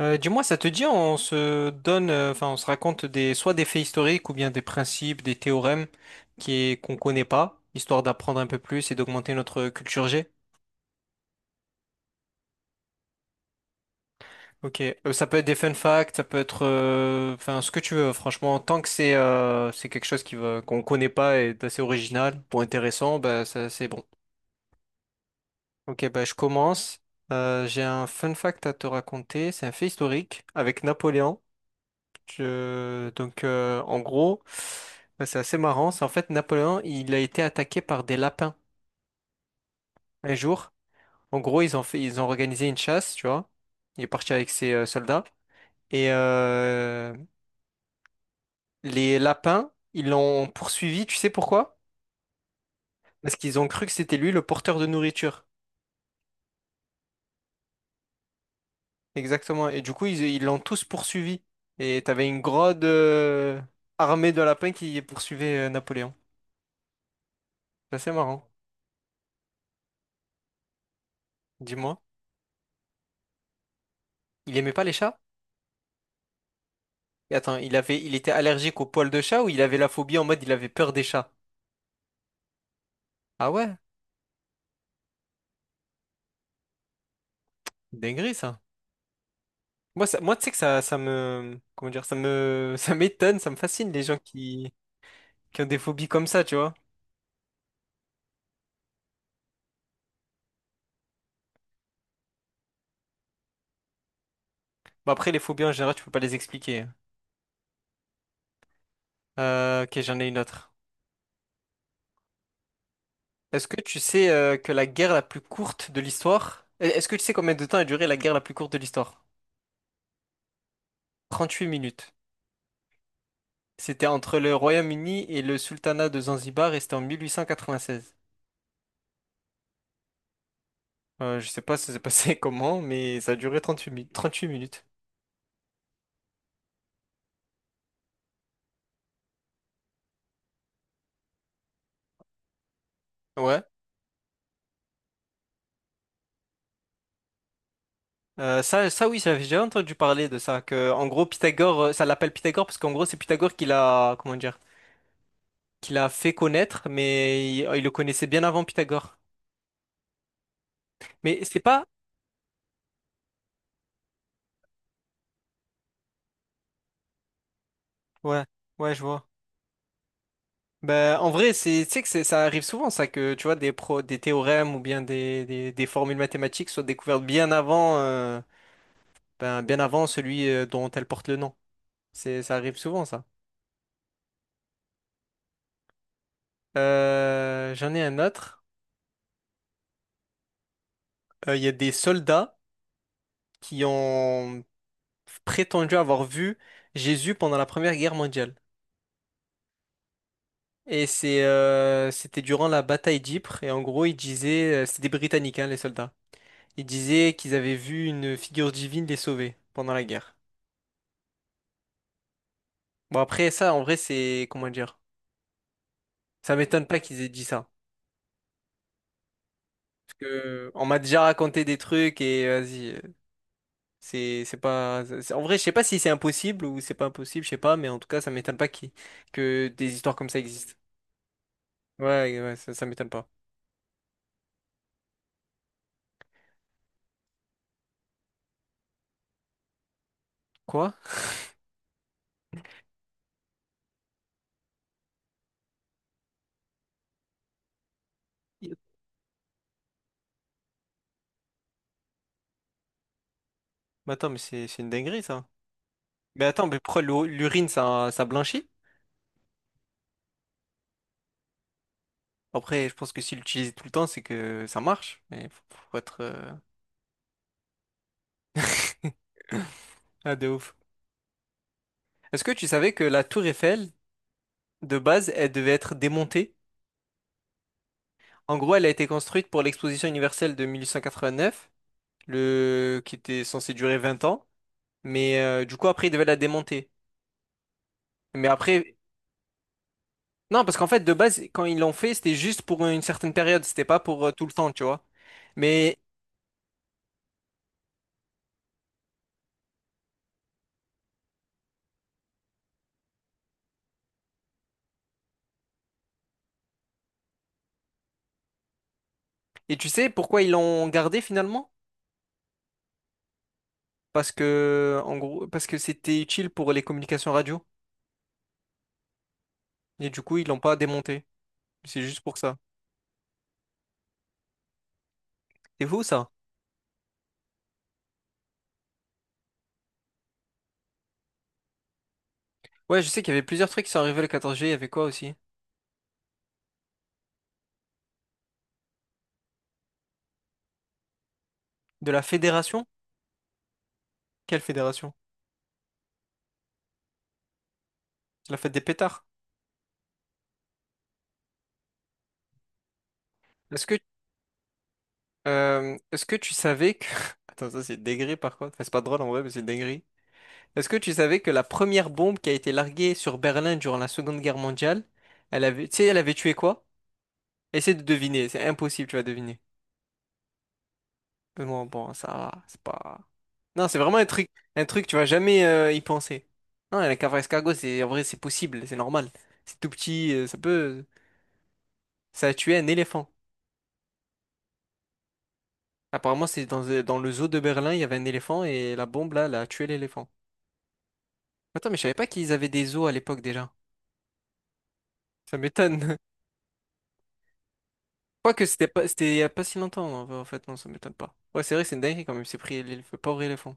Dis-moi, ça te dit, on se donne, on se raconte des, soit des faits historiques ou bien des principes, des théorèmes qui est, qu'on connaît pas, histoire d'apprendre un peu plus et d'augmenter notre culture G. Ok. Ça peut être des fun facts, ça peut être, ce que tu veux. Franchement, tant que c'est quelque chose qui va, qu'on connaît pas et d'assez original ou intéressant, bah, ça, c'est bon. Ok, bah, je commence. J'ai un fun fact à te raconter. C'est un fait historique avec Napoléon. En gros, bah, c'est assez marrant. C'est en fait Napoléon, il a été attaqué par des lapins un jour. En gros, ils ont fait, ils ont organisé une chasse, tu vois. Il est parti avec ses soldats. Et euh, les lapins, ils l'ont poursuivi, tu sais pourquoi? Parce qu'ils ont cru que c'était lui le porteur de nourriture. Exactement. Et du coup, ils l'ont tous poursuivi. Et t'avais une grande armée de lapins qui poursuivait Napoléon. C'est assez marrant. Dis-moi. Il aimait pas les chats? Attends, il avait, il était allergique aux poils de chat ou il avait la phobie en mode il avait peur des chats? Ah ouais? Dinguerie ça. Moi, tu sais que comment dire, ça m'étonne, ça me fascine les gens qui ont des phobies comme ça, tu vois. Bon, après, les phobies en général, tu peux pas les expliquer. Ok, j'en ai une autre. Est-ce que tu sais que la guerre la plus courte de l'histoire, est-ce que tu sais combien de temps a duré la guerre la plus courte de l'histoire? 38 minutes. C'était entre le Royaume-Uni et le Sultanat de Zanzibar et c'était en 1896. Je sais pas ça s'est passé comment, mais ça a duré 38 minutes. Ouais. Ça oui, j'avais déjà entendu parler de ça, que en gros Pythagore, ça l'appelle Pythagore parce qu'en gros c'est Pythagore qui l'a, comment dire, qui l'a fait connaître, mais il le connaissait bien avant Pythagore. Mais c'est pas, ouais, ouais, je vois. Ben, en vrai, c'est, tu sais que c'est- ça arrive souvent ça que tu vois des pro, des théorèmes ou bien des formules mathématiques soient découvertes bien avant, bien avant celui dont elles portent le nom. C'est, ça arrive souvent ça. J'en ai un autre. Il y a des soldats qui ont prétendu avoir vu Jésus pendant la Première Guerre mondiale. C'était durant la bataille d'Ypres. Et en gros, ils disaient, c'était des Britanniques, hein, les soldats. Ils disaient qu'ils avaient vu une figure divine les sauver pendant la guerre. Bon, après ça, en vrai, c'est, comment dire? Ça m'étonne pas qu'ils aient dit ça. Parce que on m'a déjà raconté des trucs et vas-y. C'est pas c'est- En vrai je sais pas si c'est impossible ou c'est pas impossible je sais pas mais en tout cas ça m'étonne pas que des histoires comme ça existent. Ouais, ça, ça m'étonne pas. Quoi? Y- Mais attends mais c'est une dinguerie ça. Mais attends mais pourquoi l'urine ça blanchit? Après je pense que s'il l'utilise tout le temps c'est que ça marche mais faut, faut être ah de ouf. Est-ce que tu savais que la tour Eiffel de base elle devait être démontée? En gros elle a été construite pour l'exposition universelle de 1889 le qui était censé durer 20 ans. Mais du coup, après, ils devaient la démonter. Mais après, non, parce qu'en fait, de base, quand ils l'ont fait, c'était juste pour une certaine période, c'était pas pour tout le temps, tu vois. Mais, et tu sais pourquoi ils l'ont gardé finalement? Parce que, en gros, parce que c'était utile pour les communications radio. Et du coup, ils l'ont pas démonté. C'est juste pour ça. C'est fou, ça. Ouais, je sais qu'il y avait plusieurs trucs qui sont arrivés le 14 juillet. Il y avait quoi aussi? De la fédération? Quelle fédération? C'est la fête des pétards. Est-ce que, Est-ce que tu savais que... Attends, ça c'est dégré par contre. Enfin, c'est pas drôle en vrai, mais c'est dégré. Est-ce que tu savais que la première bombe qui a été larguée sur Berlin durant la Seconde Guerre mondiale, elle avait, tu sais, elle avait tué quoi? Essaie de deviner, c'est impossible, tu vas deviner. Mais bon, bon, ça, va, c'est pas. Non, c'est vraiment un truc, tu vas jamais y penser. Non, la cavale escargot, c'est en vrai, c'est possible, c'est normal. C'est tout petit, ça peut, ça a tué un éléphant. Apparemment, c'est dans, dans le zoo de Berlin, il y avait un éléphant et la bombe là, elle a tué l'éléphant. Attends, mais je savais pas qu'ils avaient des zoos à l'époque déjà. Ça m'étonne. Quoique, c'était pas, c'était il y a pas si longtemps, en en fait, non, ça m'étonne pas. Ouais, c'est vrai, c'est une dinguerie quand même, c'est pris le pauvre éléphant.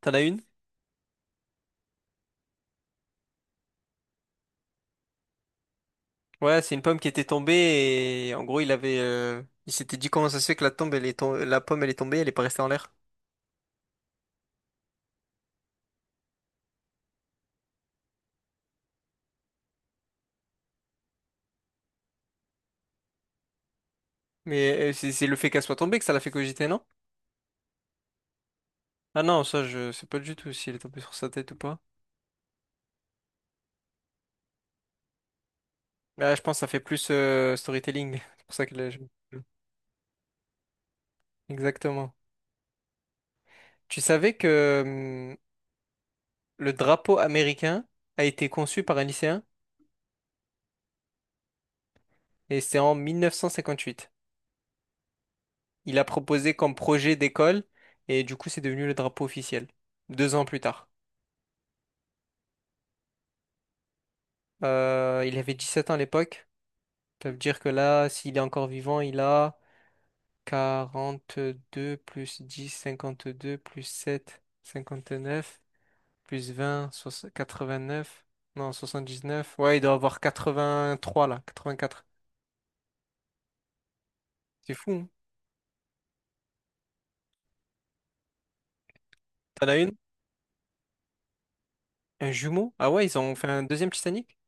T'en as une? Ouais, c'est une pomme qui était tombée et en gros, il s'était dit comment ça se fait que la tombe, la pomme, elle est tombée, elle est pas restée en l'air. Mais c'est le fait qu'elle soit tombée que ça l'a fait cogiter, non? Ah non, ça, je sais pas du tout s'il est tombé sur sa tête ou pas. Là, je pense que ça fait plus storytelling. C'est pour ça que là, je- Exactement. Tu savais que hum, le drapeau américain a été conçu par un lycéen et c'était en 1958. Il a proposé comme projet d'école et du coup c'est devenu le drapeau officiel, 2 ans plus tard. Il avait 17 ans à l'époque, ça veut dire que là, s'il est encore vivant, il a 42 plus 10 52 plus 7 59 plus 20, soix- neuf non 79 ouais il doit avoir 83 là, 84. C'est fou, hein. T'en as une? Un jumeau? Ah ouais, ils ont fait un deuxième Titanic?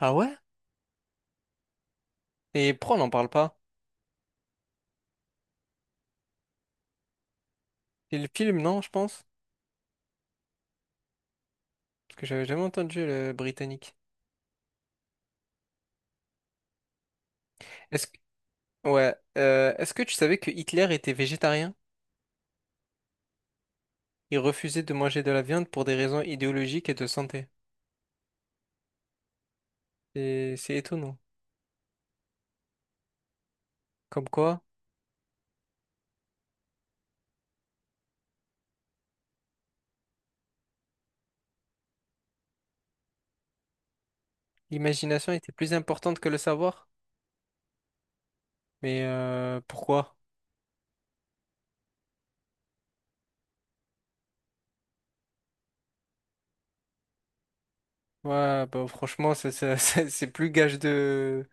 Ah ouais? Et pourquoi on n'en parle pas? C'est le film, non, je pense? Parce que j'avais jamais entendu le britannique. Est-ce que... Ouais. Est-ce que tu savais que Hitler était végétarien? Il refusait de manger de la viande pour des raisons idéologiques et de santé. C'est étonnant. Comme quoi, l'imagination était plus importante que le savoir. Mais pourquoi? Ouais, bah franchement, c'est plus gage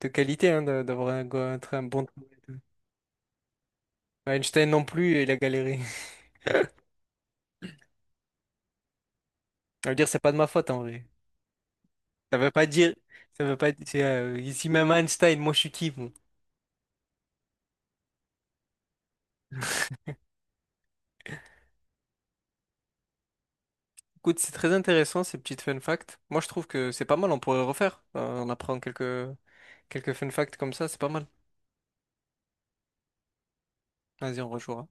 de qualité hein, de- d'avoir un, un très- un bon... travail. Einstein non plus, il a galéré. Ça veut dire, c'est pas de ma faute en vrai. Ça veut pas dire... Ça veut pas dire... ici même Einstein, moi je suis qui, bon. Écoute, c'est très intéressant ces petites fun facts. Moi, je trouve que c'est pas mal, on pourrait refaire. On apprend quelques, quelques fun facts comme ça, c'est pas mal. Vas-y, on rejouera.